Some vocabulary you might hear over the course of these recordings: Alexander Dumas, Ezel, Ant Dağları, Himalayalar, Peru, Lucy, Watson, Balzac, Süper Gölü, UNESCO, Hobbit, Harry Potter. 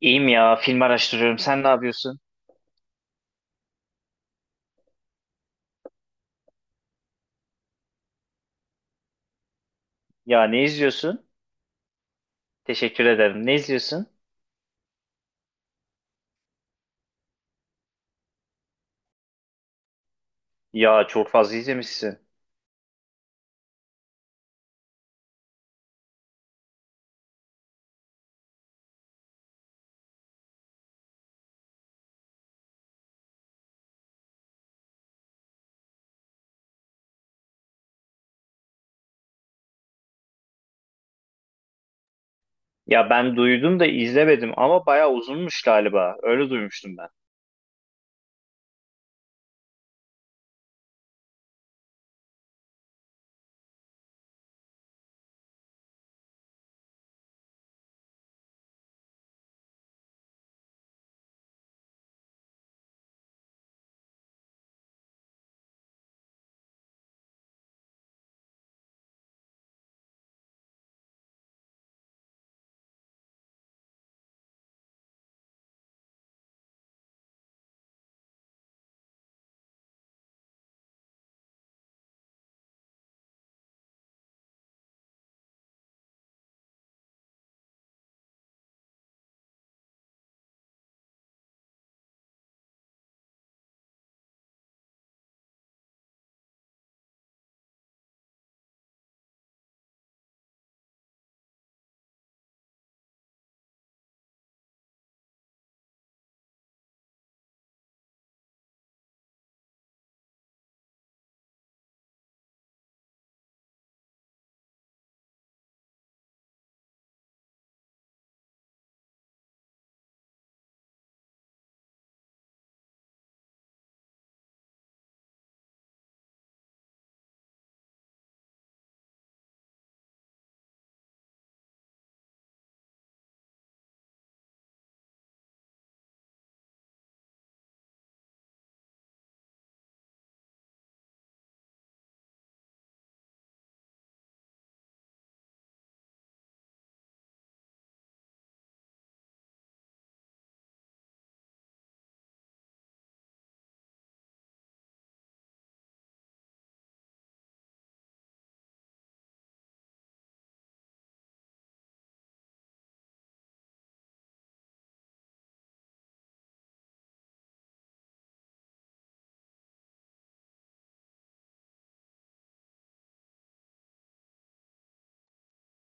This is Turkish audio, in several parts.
İyiyim ya, film araştırıyorum. Sen ne yapıyorsun? Ya ne izliyorsun? Teşekkür ederim. Ne izliyorsun? Ya çok fazla izlemişsin. Ya ben duydum da izlemedim ama bayağı uzunmuş galiba. Öyle duymuştum ben.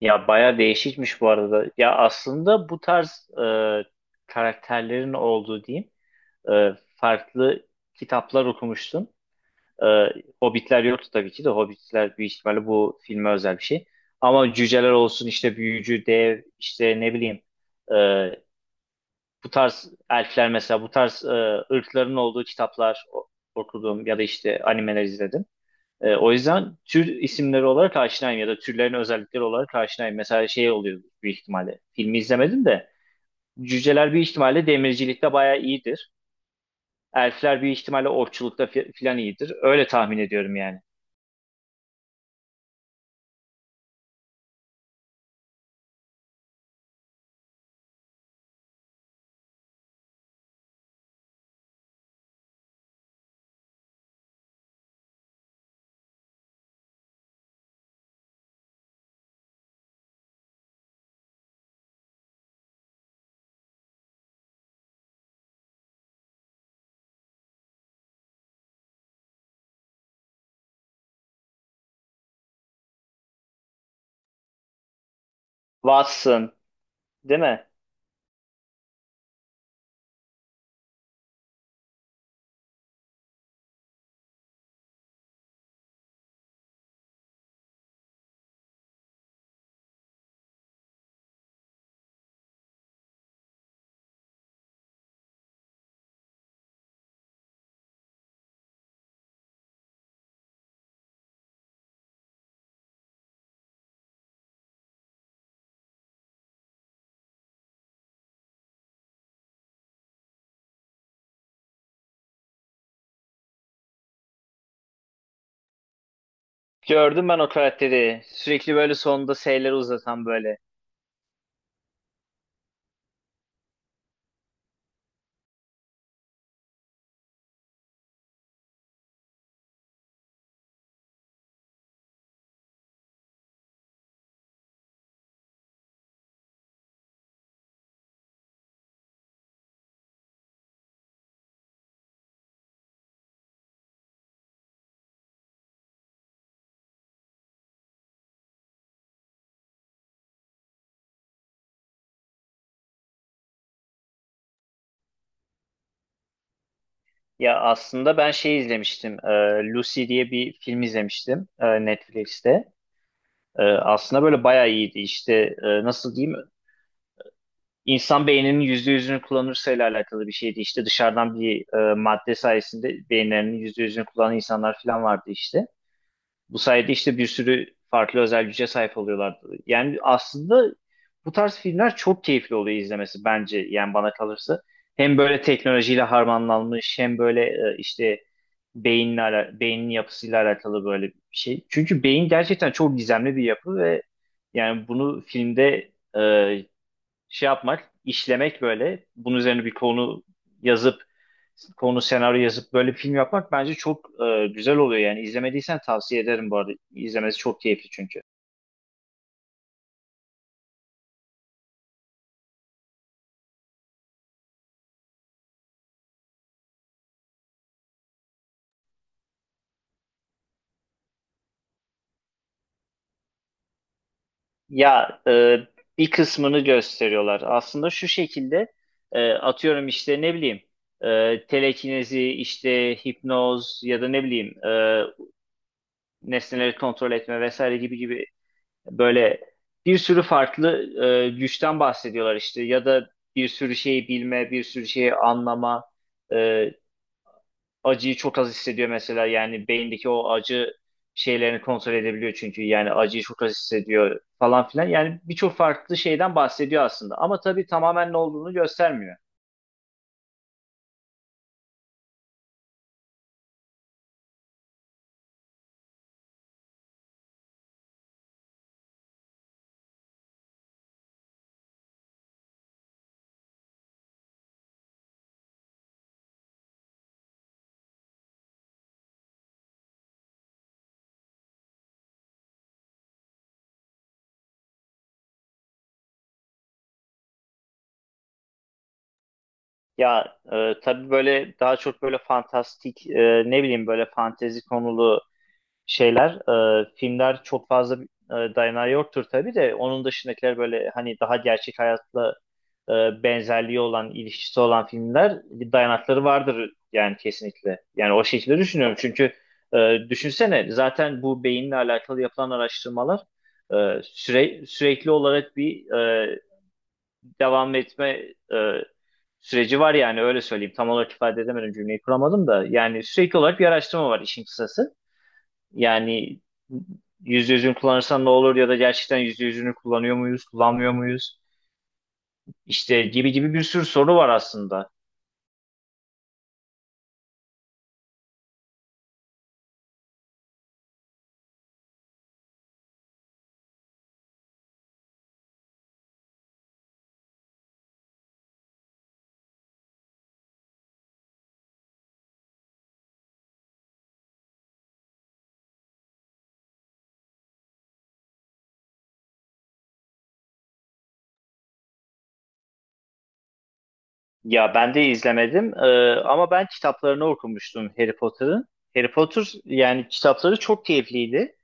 Ya bayağı değişikmiş bu arada. Ya aslında bu tarz karakterlerin olduğu diyeyim e, farklı kitaplar okumuştum. E, Hobbitler yoktu tabii ki de Hobbitler büyük ihtimalle bu filme özel bir şey. Ama cüceler olsun işte büyücü, dev işte ne bileyim, e, bu tarz elfler mesela bu tarz ırkların olduğu kitaplar okudum ya da işte animeler izledim. E, o yüzden tür isimleri olarak aşinayım ya da türlerin özellikleri olarak aşinayım. Mesela şey oluyor büyük ihtimalle. Filmi izlemedim de cüceler bir ihtimalle demircilikte bayağı iyidir. Elfler bir ihtimalle okçulukta filan iyidir. Öyle tahmin ediyorum yani. Watson, değil mi? Gördüm ben o karakteri. Sürekli böyle sonunda S'leri uzatan böyle. Ya aslında ben şey izlemiştim. E, Lucy diye bir film izlemiştim Netflix'te. E, aslında böyle bayağı iyiydi. İşte, nasıl diyeyim? İnsan beyninin %100'ünü kullanırsa ile alakalı bir şeydi. İşte dışarıdan bir madde sayesinde beyinlerinin %100'ünü kullanan insanlar falan vardı işte. Bu sayede işte bir sürü farklı özel güce sahip oluyorlar. Yani aslında bu tarz filmler çok keyifli oluyor izlemesi bence yani bana kalırsa. Hem böyle teknolojiyle harmanlanmış hem böyle, e, işte beynin yapısıyla alakalı böyle bir şey. Çünkü beyin gerçekten çok gizemli bir yapı ve yani bunu filmde, e, şey yapmak, işlemek böyle bunun üzerine bir konu yazıp konu senaryo yazıp böyle bir film yapmak bence çok güzel oluyor yani izlemediysen tavsiye ederim bu arada izlemesi çok keyifli çünkü. Ya, bir kısmını gösteriyorlar aslında şu şekilde, atıyorum işte ne bileyim, telekinezi işte hipnoz ya da ne bileyim, nesneleri kontrol etme vesaire gibi gibi böyle bir sürü farklı güçten bahsediyorlar işte ya da bir sürü şeyi bilme bir sürü şeyi anlama. E, acıyı çok az hissediyor mesela yani beyindeki o acı şeylerini kontrol edebiliyor çünkü yani acıyı çok az hissediyor falan filan yani birçok farklı şeyden bahsediyor aslında ama tabii tamamen ne olduğunu göstermiyor. Ya, e, tabii böyle daha çok böyle fantastik, ne bileyim böyle fantezi konulu şeyler, filmler çok fazla dayanağı yoktur tabii de onun dışındakiler böyle hani daha gerçek hayatla benzerliği olan ilişkisi olan filmler bir dayanakları vardır yani kesinlikle. Yani o şekilde düşünüyorum çünkü, düşünsene zaten bu beyinle alakalı yapılan araştırmalar, sürekli olarak bir e, devam etme e, süreci var yani öyle söyleyeyim. Tam olarak ifade edemedim cümleyi kuramadım da yani sürekli olarak bir araştırma var işin kısası. Yani %100'ünü kullanırsan ne olur ya da gerçekten %100'ünü kullanıyor muyuz, kullanmıyor muyuz? İşte gibi gibi bir sürü soru var aslında. Ya ben de izlemedim, ama ben kitaplarını okumuştum Harry Potter'ın. Harry Potter yani kitapları çok keyifliydi.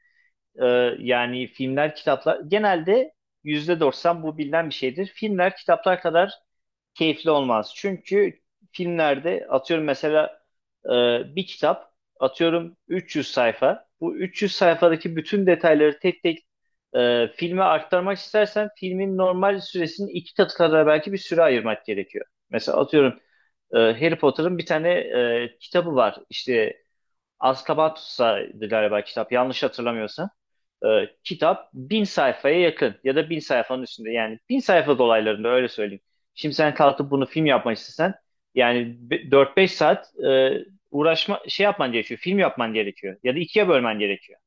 E, yani filmler, kitaplar genelde %90 bu bilinen bir şeydir. Filmler kitaplar kadar keyifli olmaz. Çünkü filmlerde atıyorum mesela, e, bir kitap atıyorum 300 sayfa. Bu 300 sayfadaki bütün detayları tek tek filme aktarmak istersen filmin normal süresinin iki katı kadar belki bir süre ayırmak gerekiyor. Mesela atıyorum, Harry Potter'ın bir tane kitabı var. İşte Azkaban Tutsağı'ydı galiba kitap yanlış hatırlamıyorsam. Kitap 1.000 sayfaya yakın ya da 1.000 sayfanın üstünde yani 1.000 sayfa dolaylarında öyle söyleyeyim. Şimdi sen kalkıp bunu film yapmak istesen yani 4-5 saat uğraşma şey yapman gerekiyor film yapman gerekiyor ya da ikiye bölmen gerekiyor.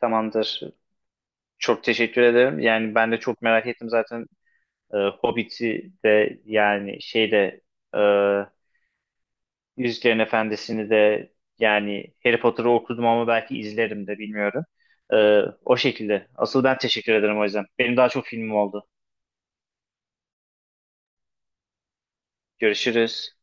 Tamamdır. Çok teşekkür ederim. Yani ben de çok merak ettim zaten, Hobbit'i de yani şeyde Yüzüklerin Efendisi'ni de yani Harry Potter'ı okudum ama belki izlerim de bilmiyorum. O şekilde. Asıl ben teşekkür ederim o yüzden. Benim daha çok filmim oldu. Görüşürüz.